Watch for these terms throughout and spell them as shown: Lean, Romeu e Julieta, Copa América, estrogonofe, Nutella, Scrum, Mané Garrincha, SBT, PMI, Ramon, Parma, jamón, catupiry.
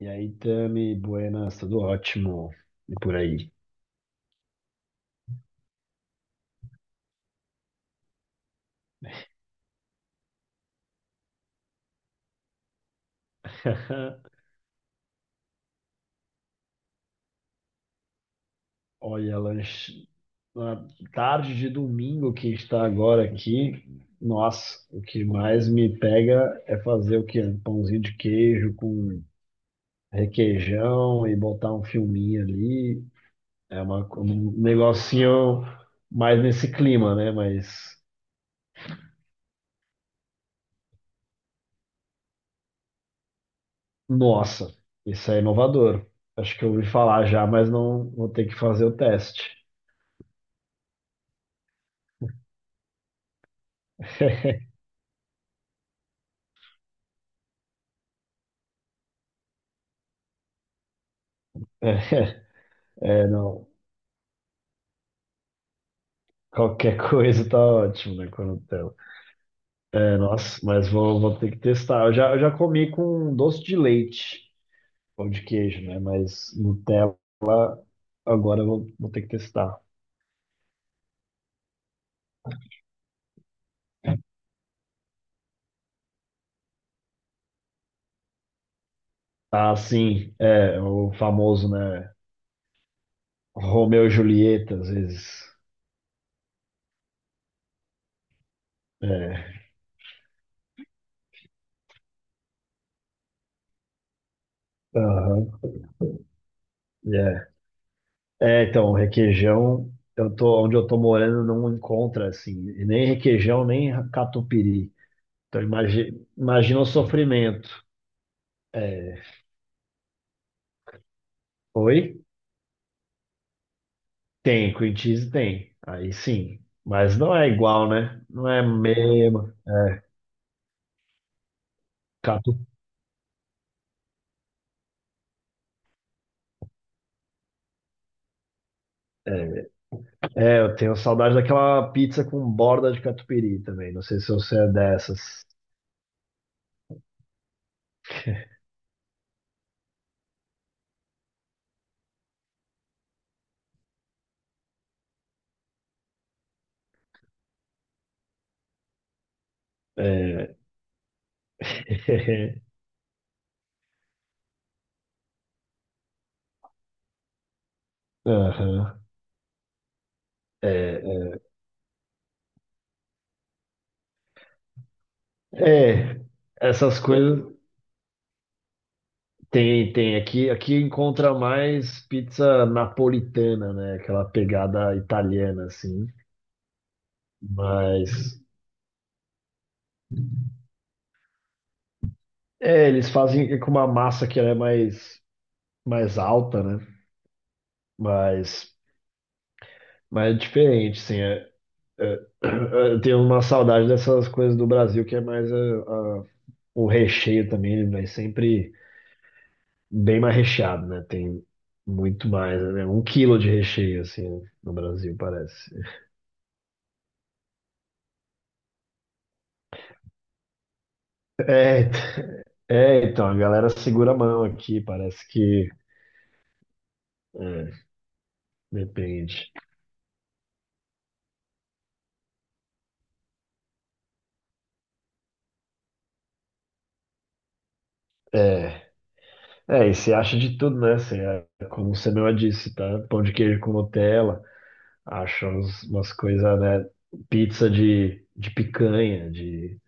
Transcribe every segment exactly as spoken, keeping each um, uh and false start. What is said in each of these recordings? E aí, Tami, buenas, tudo ótimo. E por aí. Olha, lanche. Na tarde de domingo que está agora aqui, nossa, o que mais me pega é fazer o quê? Um pãozinho de queijo com requeijão e botar um filminho ali. É uma... um negocinho mais nesse clima, né? Mas, nossa, isso é inovador. Acho que eu ouvi falar já, mas não vou ter que fazer o teste. É, não. Qualquer coisa tá ótimo, né, com Nutella. É, nossa, mas vou, vou ter que testar. Eu já, eu já comi com doce de leite, pão de queijo, né? Mas Nutella, agora eu vou, vou ter que testar. Ah, sim, é o famoso, né? Romeu e Julieta, às vezes. É, aham, é. É, então, requeijão, eu tô, onde eu tô morando não encontra, assim, nem requeijão, nem catupiry. Então, imagi- imagina o sofrimento. É, foi? Tem, cream cheese tem. Aí sim. Mas não é igual, né? Não é mesmo. É, catu... é, é, eu tenho saudade daquela pizza com borda de catupiry também. Não sei se você é dessas. É. Aham. É, é. É, essas coisas tem, tem. Aqui, aqui encontra mais pizza napolitana, né? Aquela pegada italiana, assim. Mas. É, eles fazem com uma massa que ela é mais, mais alta, né? Mas, mas é diferente, sim. É, é- eu tenho uma saudade dessas coisas do Brasil, que é mais é, a- o recheio também, ele vai sempre bem mais recheado, né? Tem muito mais, né? Um quilo de recheio, assim, né? No Brasil, parece. É, é, então, a galera segura a mão aqui, parece que. É, depende. É. É, e se acha de tudo, né? Você, é, como você mesmo disse, tá? Pão de queijo com Nutella, acha uns- umas coisas, né? Pizza de, de picanha, de...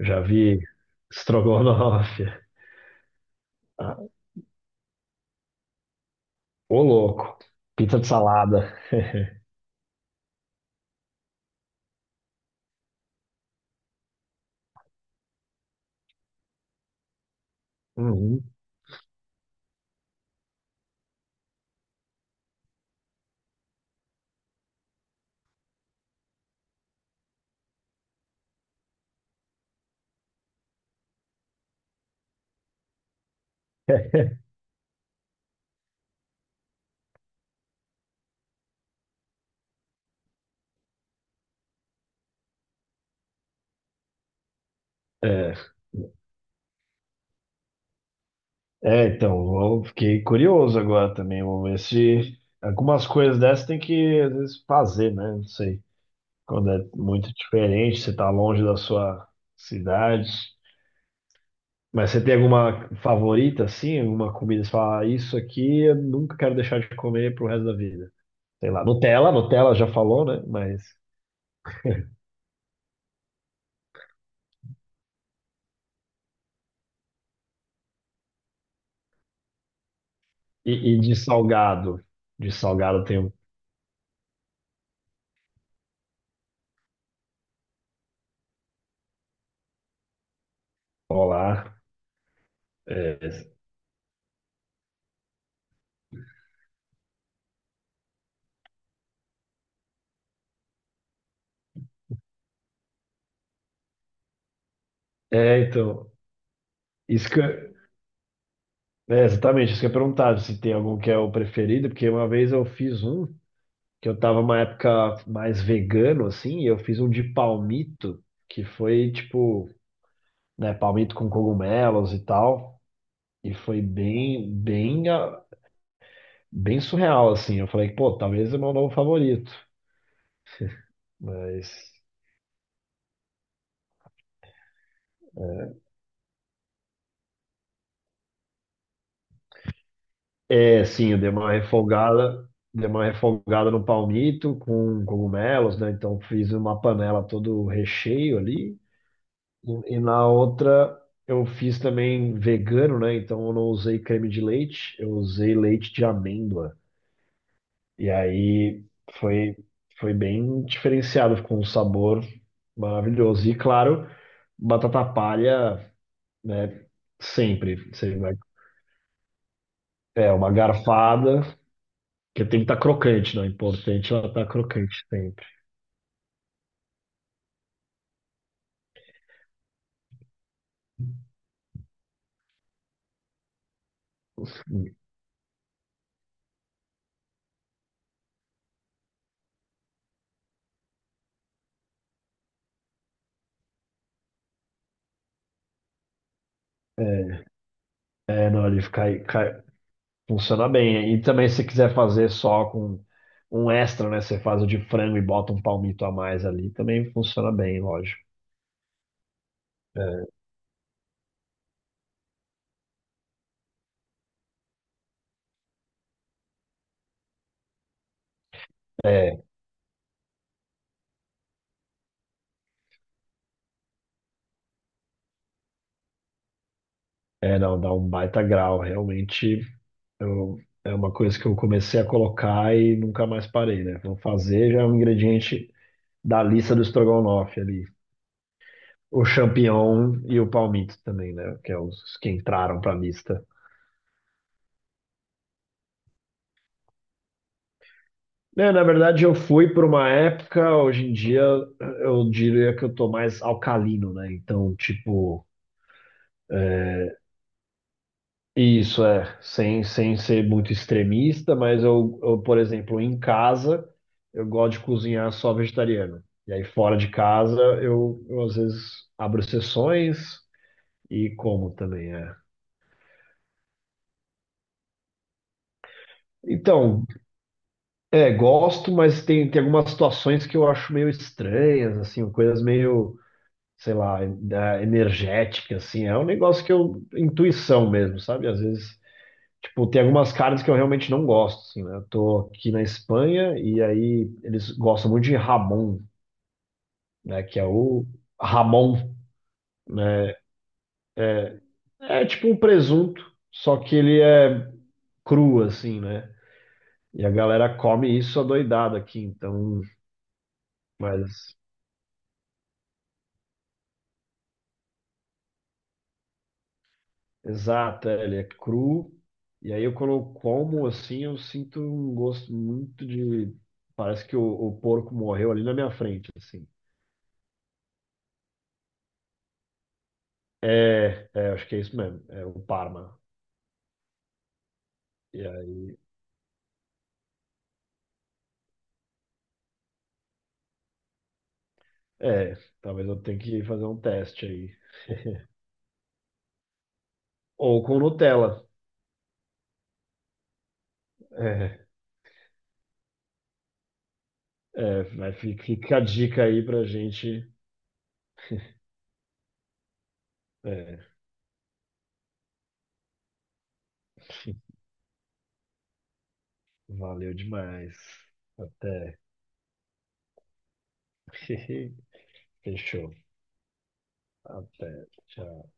Já vi estrogonofe. Ah, ô louco. Pizza de salada. Uhum. É, é, então, eu fiquei curioso agora também. Vamos ver se algumas coisas dessas tem que, às vezes, fazer, né? Não sei. Quando é muito diferente, você tá longe da sua cidade. Mas você tem alguma favorita, assim? Alguma comida? Você fala, "Ah, isso aqui eu nunca quero deixar de comer pro resto da vida." Sei lá, Nutella, Nutella já falou, né? Mas. E, e de salgado? De salgado tem um polar. É, é, então. Isso que eu- É, exatamente, isso que eu ia perguntar, se tem algum que é o preferido, porque uma vez eu fiz um, que eu tava uma época mais vegano, assim, e eu fiz um de palmito, que foi tipo, né, palmito com cogumelos e tal. E foi bem, bem, ah, bem surreal, assim. Eu falei, pô, talvez é meu novo favorito. Mas. É, sim, eu dei uma refogada, dei uma refogada no palmito com cogumelos, né? Então fiz uma panela todo o recheio ali. E, e na outra eu fiz também vegano, né? Então eu não usei creme de leite, eu usei leite de amêndoa. E aí foi, foi bem diferenciado, ficou um sabor maravilhoso. E claro, batata palha, né? Sempre. Você vai, é uma garfada, que tem que estar crocante, não é importante é ela estar crocante sempre. É, é, não, ele cai, cai- funciona bem. E também se você quiser fazer só com um extra, né? Você faz o de frango e bota um palmito a mais ali, também funciona bem, lógico. É, é, é, não, dá um baita grau, realmente. Eu, é uma coisa que eu comecei a colocar e nunca mais parei, né? Vou fazer já é um ingrediente da lista do estrogonofe ali. O champignon e o palmito também, né? Que é os que entraram para a lista. Né, na verdade, eu fui por uma época, hoje em dia eu diria que eu tô mais alcalino, né? Então, tipo, isso é, sem, sem ser muito extremista, mas eu, eu, por exemplo, em casa, eu gosto de cozinhar só vegetariano. E aí fora de casa, eu, eu às vezes abro sessões e como também, é. Então, é, gosto, mas tem, tem algumas situações que eu acho meio estranhas, assim, coisas meio, sei lá, da- energéticas, assim. É um negócio que eu, intuição mesmo, sabe? Às vezes, tipo, tem algumas carnes que eu realmente não gosto, assim, né? Eu tô aqui na Espanha e aí eles gostam muito de jamón, né? Que é o Ramon, né? É tipo um presunto, só que ele é cru, assim, né? E a galera come isso adoidado aqui, então. Mas, exato, é, ele é cru. E aí eu quando eu como, assim, eu sinto um gosto muito de. Parece que o, o porco morreu ali na minha frente, assim. É, é, acho que é isso mesmo, é o Parma. É, talvez eu tenha que fazer um teste aí. Ou com Nutella. É, é, mas fica, fica a dica aí pra gente. É, valeu demais. Até. Fechou. Até. Tchau.